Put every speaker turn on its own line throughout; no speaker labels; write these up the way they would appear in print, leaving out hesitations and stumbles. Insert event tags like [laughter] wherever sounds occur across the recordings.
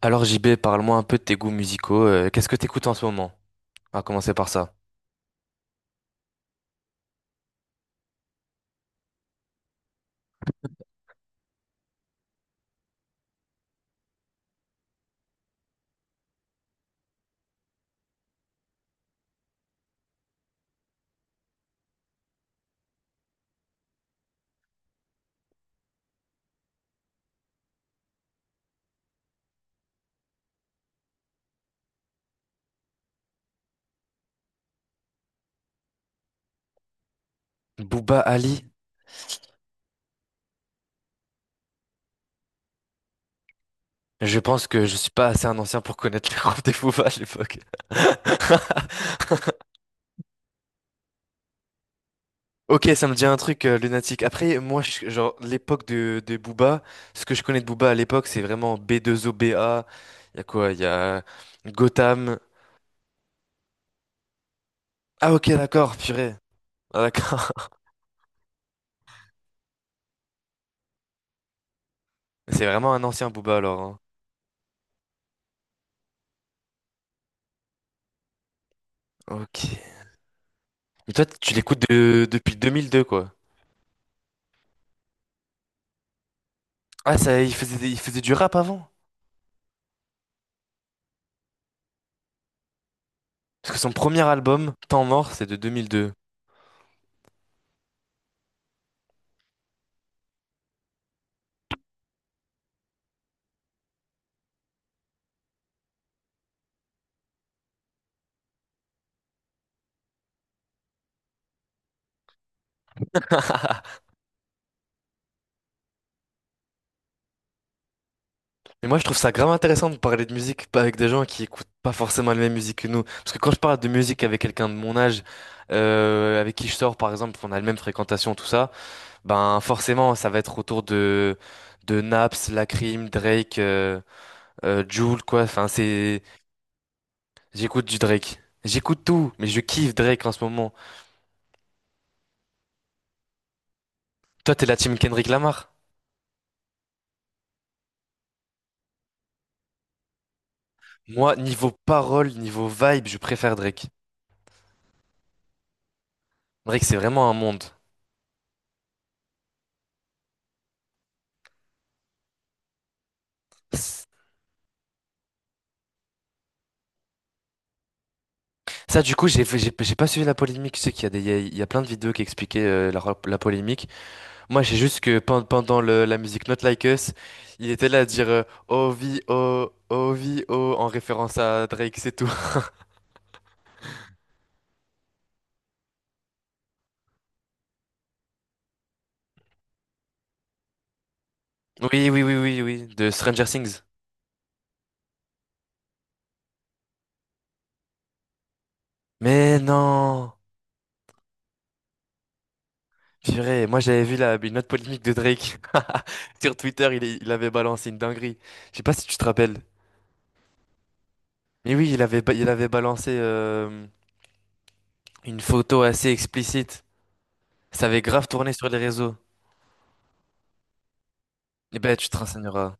Alors JB, parle-moi un peu de tes goûts musicaux. Qu'est-ce que t'écoutes en ce moment? On va commencer par ça. Booba Ali? Je pense que je suis pas assez un ancien pour connaître les groupes des Booba à l'époque. [laughs] Ok, ça me dit un truc lunatique. Après, moi, genre l'époque de Booba, ce que je connais de Booba à l'époque, c'est vraiment B2OBA. Il y a quoi? Il y a Gotham. Ah, ok, d'accord, purée. Ah, d'accord. [laughs] C'est vraiment un ancien Booba alors, hein. Ok. Mais toi, tu l'écoutes depuis 2002, quoi. Ah ça, il faisait du rap avant? Parce que son premier album, Temps mort, c'est de 2002. [laughs] Et moi, je trouve ça grave intéressant de parler de musique pas avec des gens qui écoutent pas forcément la même musique que nous. Parce que quand je parle de musique avec quelqu'un de mon âge, avec qui je sors, par exemple, on a la même fréquentation, tout ça, ben forcément, ça va être autour de Naps, Lacrim, Drake, Jul, quoi. Enfin, c'est j'écoute du Drake. J'écoute tout, mais je kiffe Drake en ce moment. Toi, t'es la team Kendrick Lamar. Moi, niveau parole, niveau vibe, je préfère Drake. Drake, c'est vraiment un monde. Ça, du coup, j'ai pas suivi la polémique. Je sais qu'il y a des, il y a plein de vidéos qui expliquaient la polémique. Moi, j'ai juste que pendant la musique Not Like Us, il était là à dire oh vie, oh, en référence à Drake, c'est tout. [laughs] Oui, oui, oui, oui, oui, de Stranger Things. Mais non! Purée, moi j'avais vu une autre polémique de Drake. [laughs] Sur Twitter, il avait balancé une dinguerie. Je sais pas si tu te rappelles. Mais oui, il avait balancé une photo assez explicite. Ça avait grave tourné sur les réseaux. Eh ben, tu te renseigneras.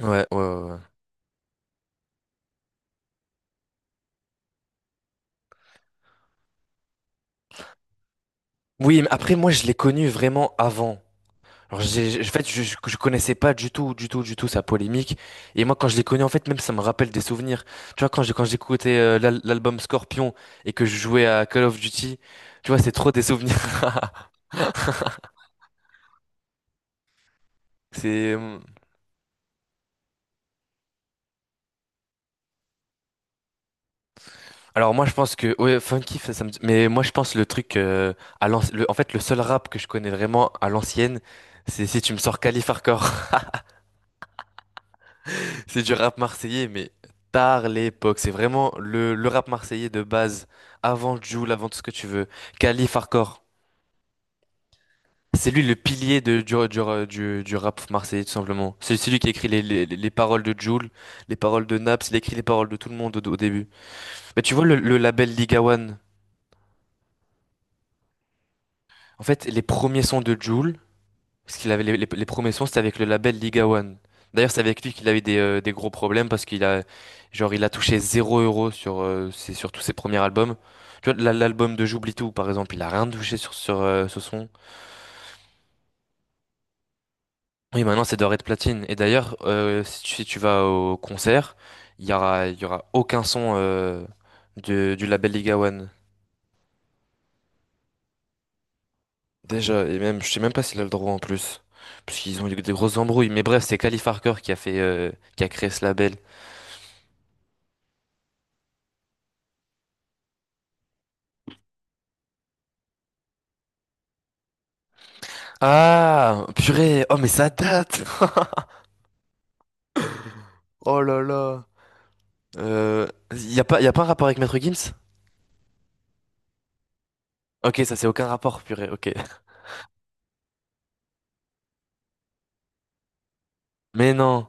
Ouais, ouais, ouais, ouais. Oui, mais après, moi, je l'ai connu vraiment avant. Alors, en fait, je connaissais pas du tout, du tout, du tout sa polémique. Et moi, quand je l'ai connu, en fait, même ça me rappelle des souvenirs. Tu vois, quand j'écoutais l'album Scorpion et que je jouais à Call of Duty, tu vois, c'est trop des souvenirs. [laughs] C'est. Alors moi je pense que ouais funky ça, ça me mais moi je pense le truc en fait le seul rap que je connais vraiment à l'ancienne, c'est si tu me sors Calif. C'est du rap marseillais, mais tard l'époque. C'est vraiment le rap marseillais de base, avant Jul, avant tout ce que tu veux. Khalif Hardcore. C'est lui le pilier de, du rap marseillais, tout simplement. C'est lui qui écrit les paroles de Jul, les paroles de Naps, il écrit les paroles de tout le monde au début. Mais tu vois le label Liga One. En fait, les premiers sons de Jul, parce qu'il avait les premiers sons, c'était avec le label Liga One. D'ailleurs, c'est avec lui qu'il avait des gros problèmes parce qu'il a, genre, il a touché 0 € sur tous ses premiers albums. Tu vois, l'album de J'oublie tout, par exemple, il a rien touché sur ce son. Oui, maintenant, c'est doré de platine. Et d'ailleurs, si tu vas au concert, il y aura aucun son du label Liga One. Déjà, et même, je sais même pas s'il a le droit en plus. Parce qu'ils ont eu des grosses embrouilles. Mais bref, c'est Calif Harker qui a créé ce label. Ah, purée. Oh, mais ça date. [laughs] Oh là là. Euh, y a pas un rapport avec Maître Gims? Ok, ça c'est aucun rapport, purée. Ok. Mais non.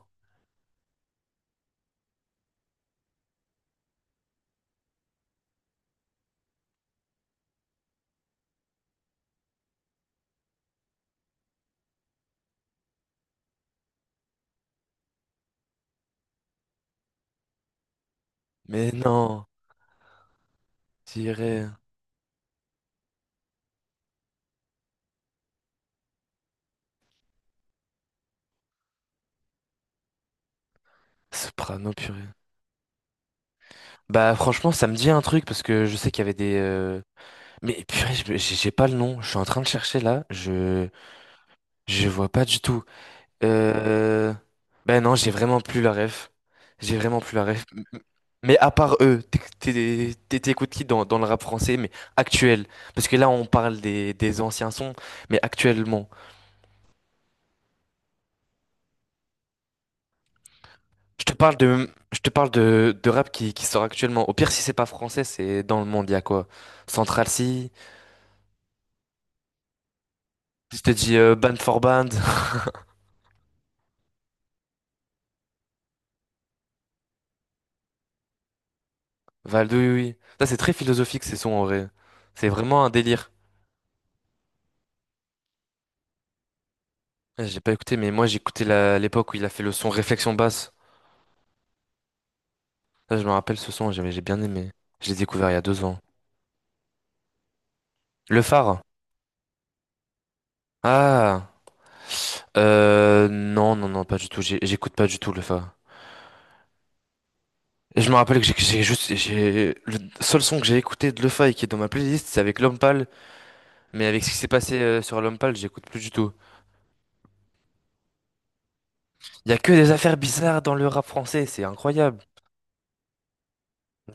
Mais non. Tiré. Soprano, purée. Bah franchement, ça me dit un truc parce que je sais qu'il y avait des. Mais purée, j'ai pas le nom. Je suis en train de chercher là. Je vois pas du tout. Euh... Ben non, j'ai vraiment plus la ref. J'ai vraiment plus la ref. Mais à part eux, t'écoutes qui dans le rap français, mais actuel? Parce que là, on parle des anciens sons, mais actuellement. Je te parle de, je te parle de rap qui sort actuellement. Au pire, si c'est pas français, c'est dans le monde, il y a quoi? Central C, je te dis Band for Band, [laughs] Valdo, oui, oui. Ça, c'est très philosophique, ces sons, en vrai. C'est vraiment un délire. J'ai pas écouté, mais moi, j'ai écouté l'époque où il a fait le son Réflexion basse. Ça, je me rappelle ce son, j'ai bien aimé. Je l'ai découvert il y a 2 ans. Le phare? Ah, non, non, non, pas du tout. J'écoute pas du tout le phare. Et je me rappelle que j'ai le seul son que j'ai écouté de le phare et qui est dans ma playlist, c'est avec l'homme pâle. Mais avec ce qui s'est passé sur l'homme pâle, j'écoute plus du tout. Il y a que des affaires bizarres dans le rap français, c'est incroyable.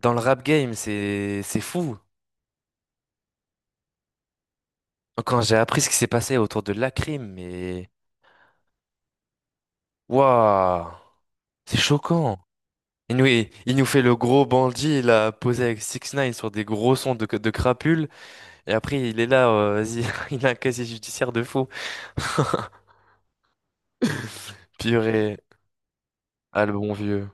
Dans le rap game, c'est fou. Quand j'ai appris ce qui s'est passé autour de Lacrim, mais waouh, c'est choquant. Et nous, il nous fait le gros bandit, il a posé avec Six Nine sur des gros sons de crapules, et après il est là, vas-y, [laughs] il a un casier judiciaire de fou. Purée, ah le bon vieux.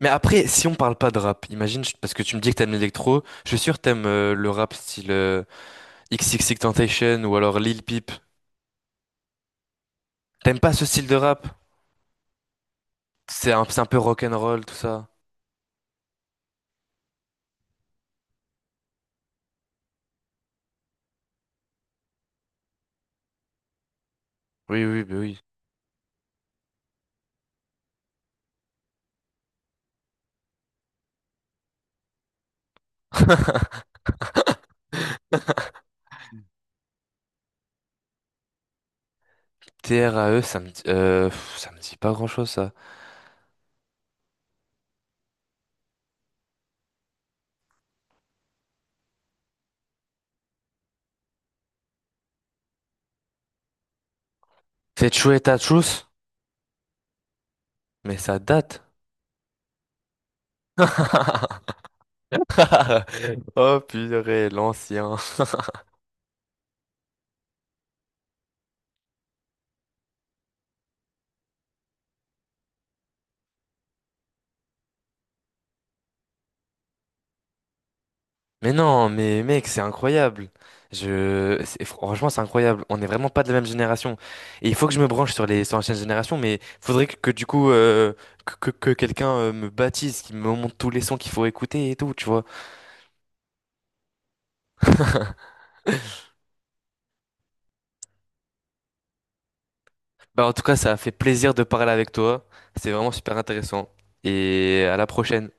Mais après, si on parle pas de rap, imagine, parce que tu me dis que t'aimes l'électro, je suis sûr que t'aimes le rap style XXXTentacion ou alors Lil Peep. T'aimes pas ce style de rap? C'est un peu rock'n'roll, tout ça. Oui, oui, bah oui. [laughs] TRAE, ça me dit pas grand-chose, ça. C'est True et Truth, mais ça date. [laughs] Oh purée, l'ancien. Mais non, mais mec, c'est incroyable. Franchement, c'est incroyable. On n'est vraiment pas de la même génération. Et il faut que je me branche sur l'ancienne génération, mais faudrait que du coup que quelqu'un me baptise, qu'il me montre tous les sons qu'il faut écouter et tout, tu vois. [laughs] Bah en tout cas, ça a fait plaisir de parler avec toi. C'est vraiment super intéressant. Et à la prochaine.